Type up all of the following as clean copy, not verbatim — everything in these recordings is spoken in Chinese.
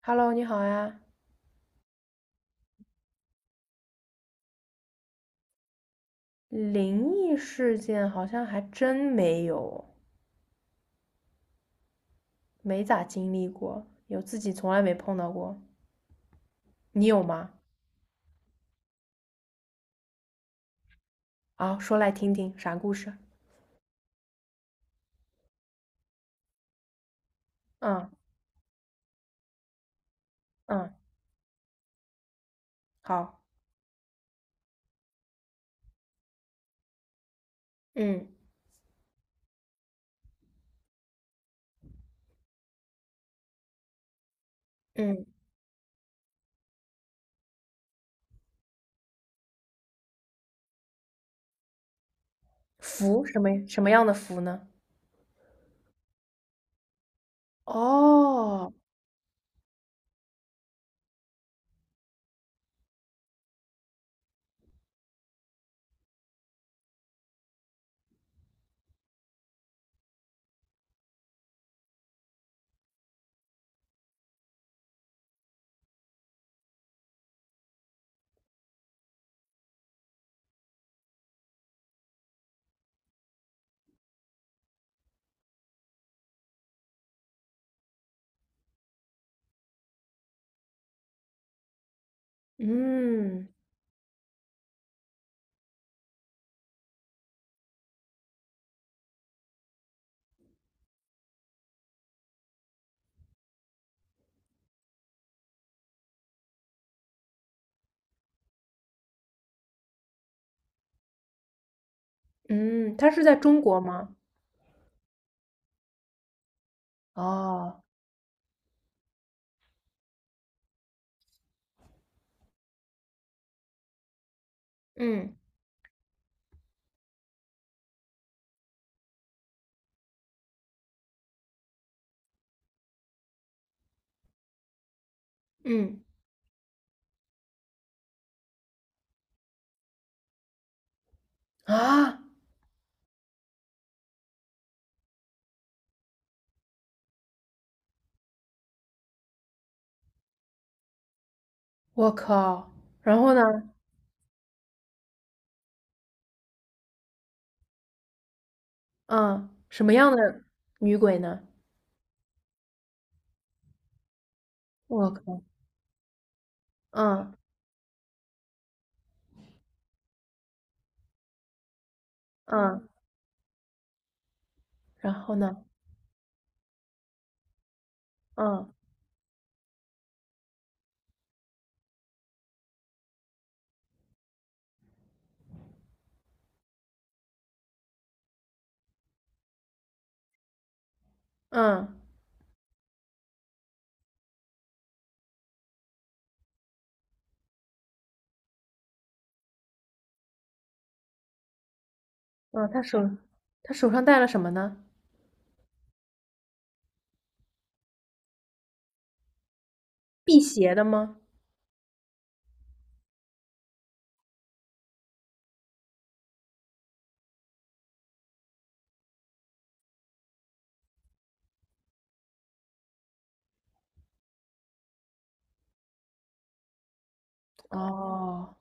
Hello，你好呀。灵异事件好像还真没有，没咋经历过，有自己从来没碰到过。你有吗？啊，说来听听，啥故事？嗯嗯，好。嗯嗯，符什么什么样的符呢？哦。嗯嗯，它是在中国吗？哦。嗯嗯，啊，我靠！然后呢？嗯，什么样的女鬼呢？我靠！嗯嗯，然后呢？嗯嗯嗯，他手上戴了什么呢？辟邪的吗？哦。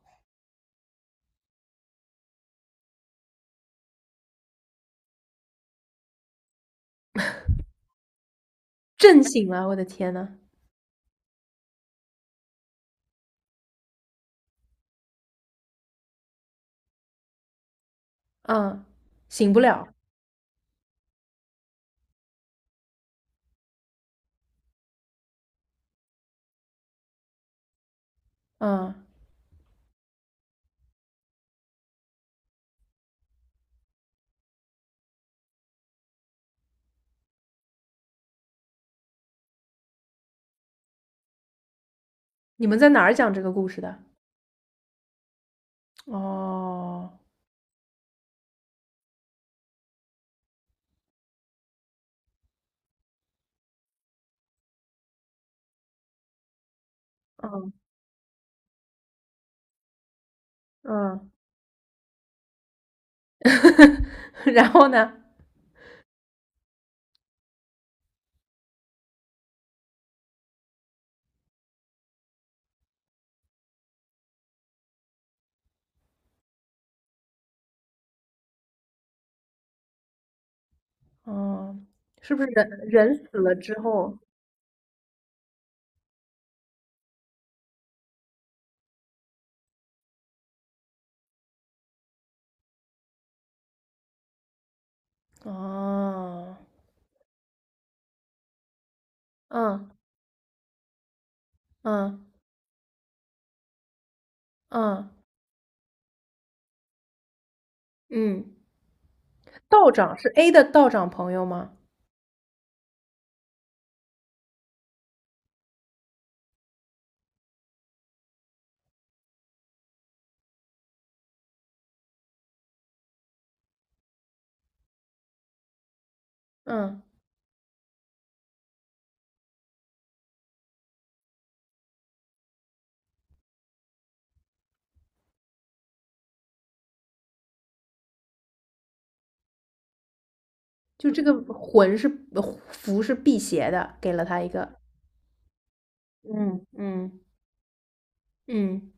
震醒了，我的天呐！嗯，醒不了。嗯，你们在哪儿讲这个故事的？哦。嗯嗯，然后呢？哦，是不是人死了之后？哦。嗯嗯嗯嗯，道长是 A 的道长朋友吗？嗯。就这个魂是呃符是辟邪的，给了他一个。嗯嗯嗯。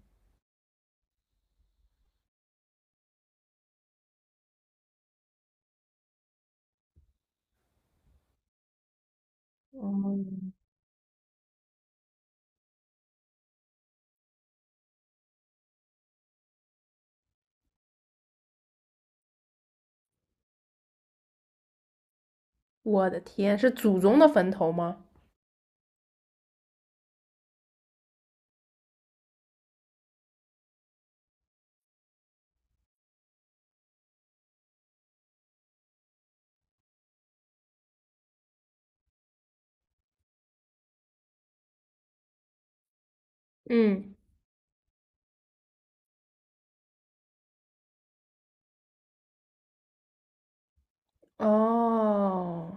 嗯，我的天，是祖宗的坟头吗？嗯。哦，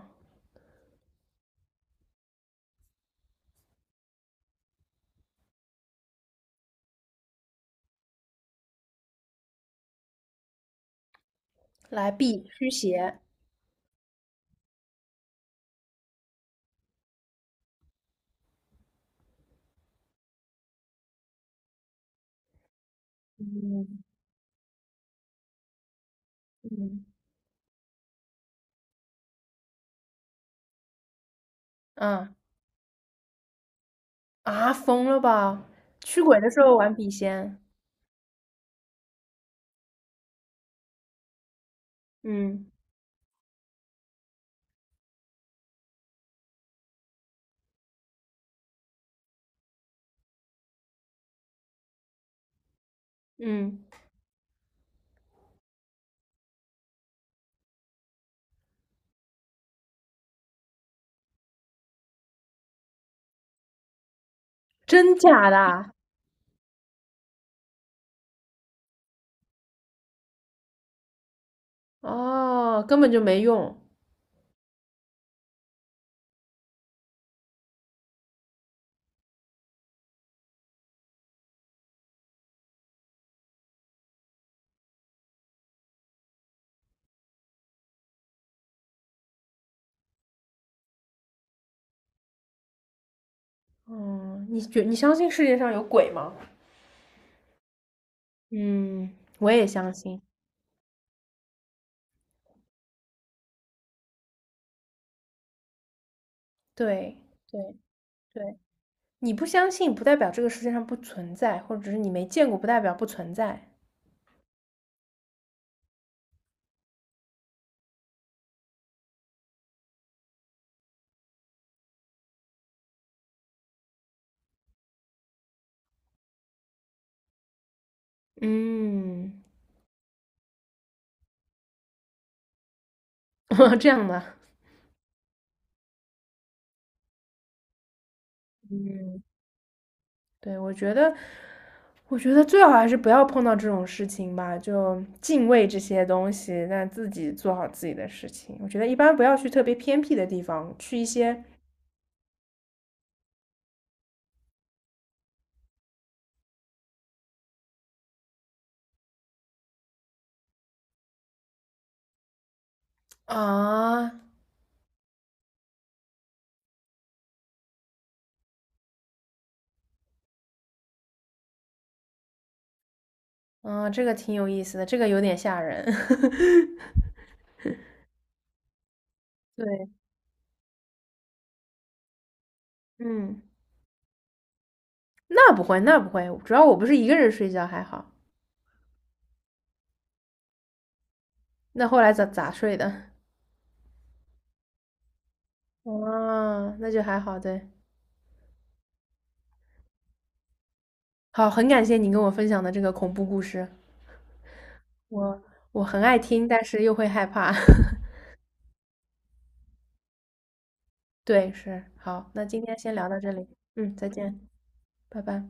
来避驱邪。嗯嗯嗯，啊，疯了吧？驱鬼的时候玩笔仙。嗯嗯，真假的？哦，根本就没用。嗯，你觉你相信世界上有鬼吗？嗯，我也相信。对，对，对，你不相信，不代表这个世界上不存在，或者只是你没见过，不代表不存在。嗯。这样的。嗯，对，我觉得，我觉得最好还是不要碰到这种事情吧，就敬畏这些东西，那自己做好自己的事情。我觉得一般不要去特别偏僻的地方，去一些啊。嗯，这个挺有意思的，这个有点吓人。对，嗯，那不会，那不会，主要我不是一个人睡觉，还好。那后来咋睡的？哦，那就还好，对。好，很感谢你跟我分享的这个恐怖故事，我我很爱听，但是又会害怕。对，是，好，那今天先聊到这里。嗯，再见，拜拜。